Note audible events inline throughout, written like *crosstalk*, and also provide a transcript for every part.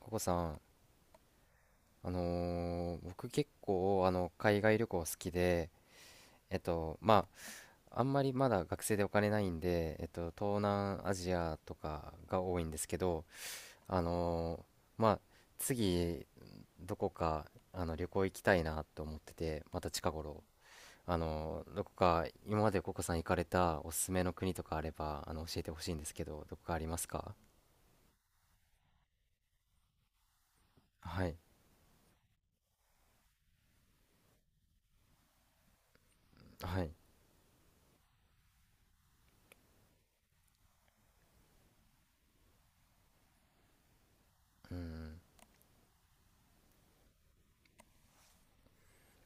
ココさん、僕結構海外旅行好きで、まあ、あんまりまだ学生でお金ないんで、東南アジアとかが多いんですけど、あのまあ、次どこか旅行行きたいなと思ってて、また近頃、どこか今までココさん行かれたおすすめの国とかあれば教えてほしいんですけど、どこかありますか？はい、はい、うん、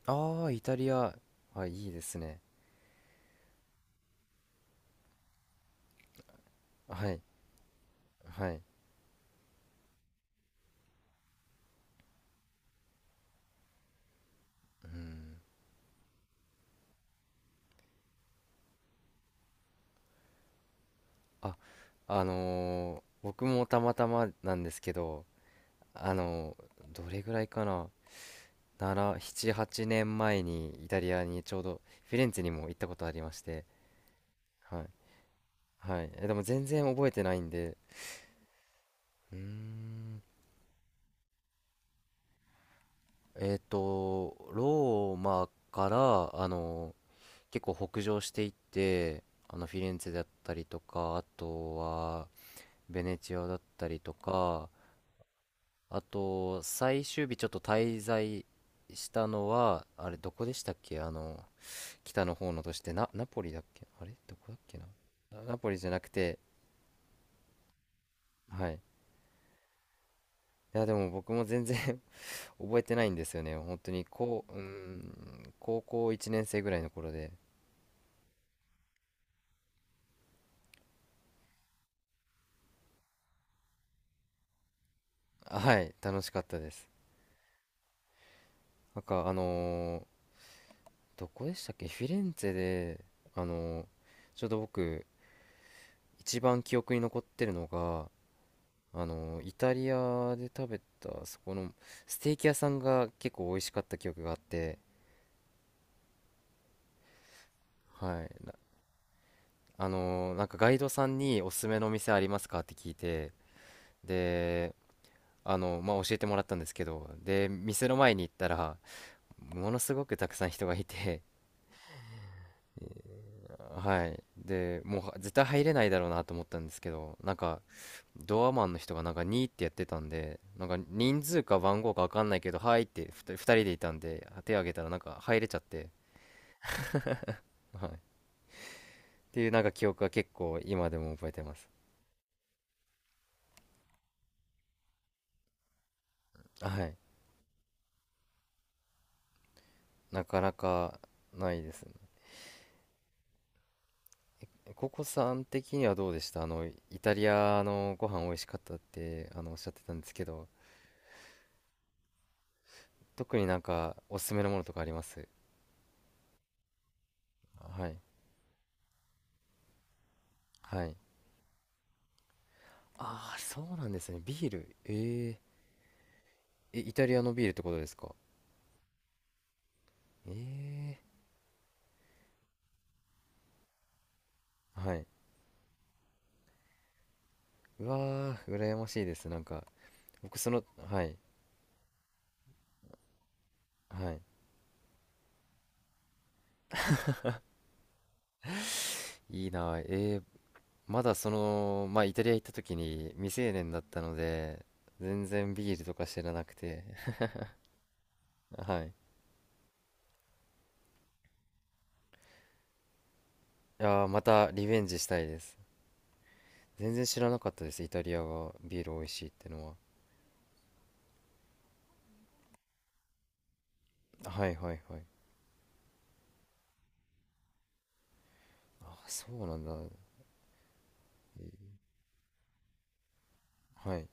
ああ、イタリア、あ、いいですね。はい。はい。うん。あ、僕もたまたまなんですけど、どれぐらいかな、7、7、8年前にイタリアにちょうどフィレンツェにも行ったことありまして、はい。はい。え、でも全然覚えてないんで、うーん。ローマから、結構北上していって、フィレンツェだったりとか、あとは、ベネチアだったりとか、あと、最終日ちょっと滞在したのは、あれ、どこでしたっけ北の方の都市て、ナポリだっけあれどこだっけな、あ、ナポリじゃなくて、はい。いや、でも僕も全然 *laughs* 覚えてないんですよね。本当に、こう、うーん、高校1年生ぐらいの頃で、はい、楽しかったです。なんか、どこでしたっけ、フィレンツェで、あのーちょうど僕、一番記憶に残ってるのが、イタリアで食べたそこのステーキ屋さんが結構美味しかった記憶があって。はいな、なんかガイドさんにおすすめのお店ありますか？って聞いて、でまあ教えてもらったんですけど、で店の前に行ったらものすごくたくさん人がいて。はい。で、もうは絶対入れないだろうなと思ったんですけど、なんか、ドアマンの人がなんか2ってやってたんで、なんか人数か番号かわかんないけど、はいって2、二人でいたんで、手挙げたらなんか入れちゃって、はい。っていうなんか記憶が結構今でも覚えてます。はい。なかなかないですね。ココさん的にはどうでした？イタリアのご飯美味しかったって、おっしゃってたんですけど、特になんかおすすめのものとかあります？はい。はい。ああ、そうなんですね。ビール。ええ。え、イタリアのビールってことですか？ええ。はい。うわー、羨ましいです。なんか、僕その、はい。はい。いいなあ。ーまだその、まあ、イタリア行った時に未成年だったので、全然ビールとか知らなくて。*laughs* はい。あ、またリベンジしたいです。全然知らなかったです。イタリアがビール美味しいってのは。はいはいはい。あ、そうなんだ。えーはい。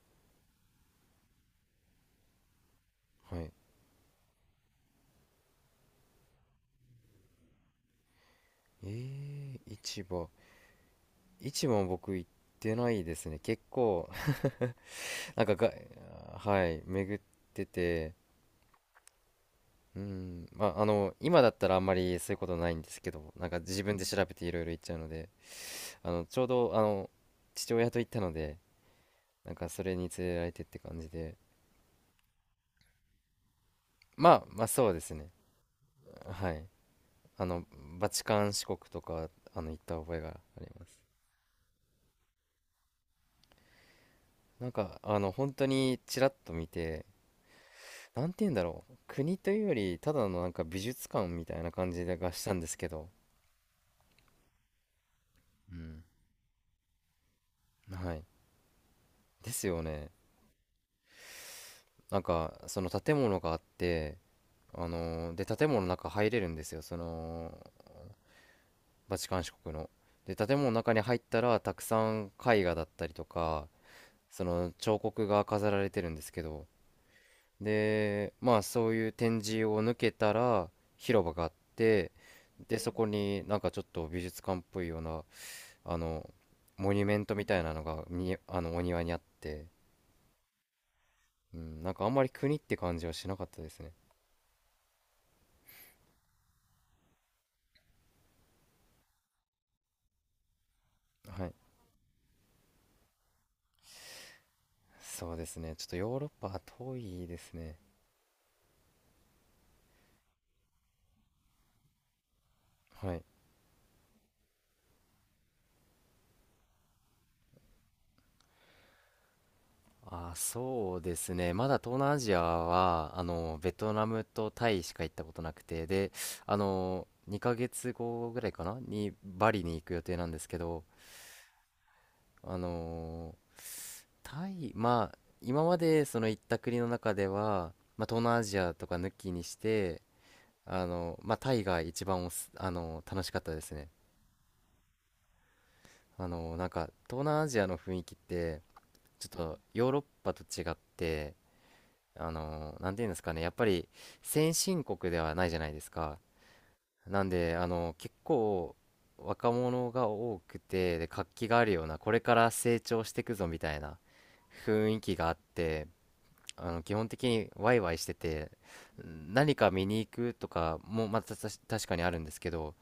はい。ええ、市場。市も僕行ってないですね。結構、*laughs* なんかが、はい、巡ってて、うん、まあ、今だったらあんまりそういうことないんですけど、なんか自分で調べていろいろ行っちゃうので、ちょうど、父親と行ったので、なんかそれに連れられてって感じで、まあ、まあそうですね。はい。あの、バチカン四国とか、行った覚えがあります。なんか、本当にちらっと見て、なんて言うんだろう、国というよりただのなんか美術館みたいな感じがしたんですけど。うん、はい。ですよね。なんかその建物があって、で建物の中入れるんですよ、そのバチカン市国の。で建物の中に入ったらたくさん絵画だったりとか、その彫刻が飾られてるんですけど、でまあそういう展示を抜けたら広場があって、でそこになんかちょっと美術館っぽいようなあの、モニュメントみたいなのがに、お庭にあって、うん、なんかあんまり国って感じはしなかったですね。はい。そうですね。ちょっとヨーロッパは遠いですね。はい。あ、そうですね。まだ東南アジアは、ベトナムとタイしか行ったことなくて、で、2ヶ月後ぐらいかなにバリに行く予定なんですけど、あの、タイ、まあ、今までその行った国の中では、まあ、東南アジアとか抜きにして、まあ、タイが一番おす、あの、楽しかったですね。なんか、東南アジアの雰囲気って、ちょっとヨーロッパと違って、なんていうんですかね、やっぱり先進国ではないじゃないですか。なんで、結構、若者が多くて、で、活気があるような、これから成長していくぞみたいな雰囲気があって、基本的にワイワイしてて、何か見に行くとかもまた確かにあるんですけど、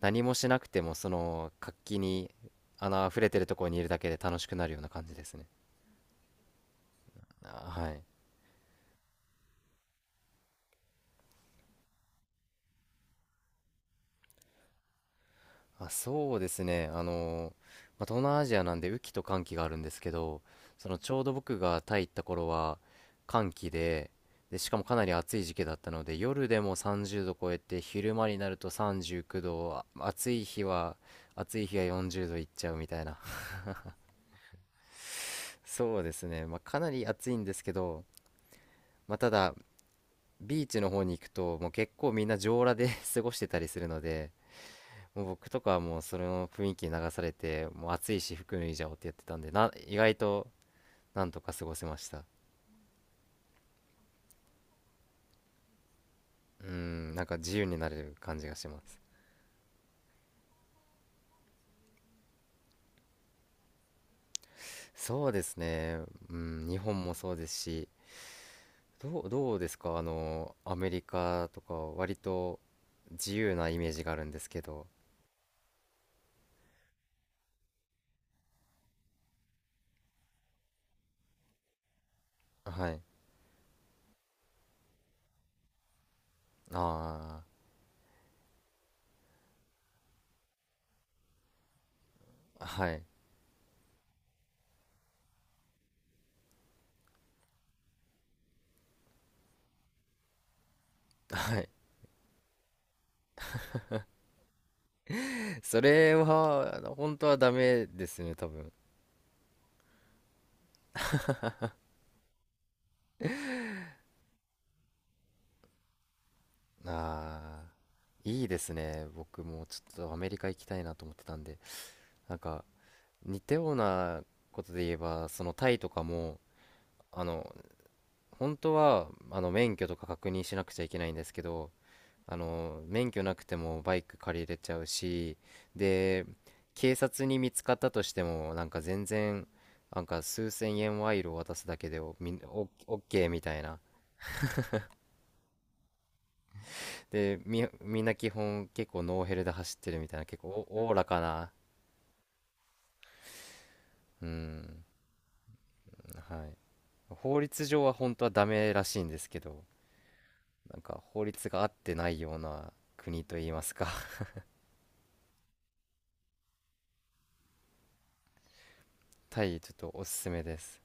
何もしなくてもその活気に溢れてるところにいるだけで楽しくなるような感じですね。あ、はい。あ、そうですね。まあ、東南アジアなんで雨季と乾季があるんですけど、そのちょうど僕がタイ行った頃は乾季で、で、しかもかなり暑い時期だったので、夜でも30度超えて、昼間になると39度、あ、暑い日は40度いっちゃうみたいな。*laughs* そうですね。まあ、かなり暑いんですけど、まあ、ただ、ビーチの方に行くと、もう結構みんな上裸で *laughs* 過ごしてたりするので、もう僕とかはもうそれの雰囲気に流されて、もう暑いし服脱いじゃおうってやってたんでな、意外となんとか過ごせました。うん、なんか自由になれる感じがします。そうですね。うん、日本もそうですし、どうですか？アメリカとか割と自由なイメージがあるんですけど。はい。ああ、ー、はい、はい。 *laughs* それは本当はダメですね、多分。あー、いいですね。僕もちょっとアメリカ行きたいなと思ってたんで、なんか似たようなことで言えば、そのタイとかもあの本当は免許とか確認しなくちゃいけないんですけど、免許なくてもバイク借りれちゃうし、で警察に見つかったとしても、なんか全然なんか数千円賄賂を渡すだけで、おみんおオッケーみたいな。で、みんな基本結構ノーヘルで走ってるみたいな、結構おおらかな。うん、はい。法律上は本当はダメらしいんですけど、なんか法律が合ってないような国といいますか。*laughs* タイちょっとおすすめです。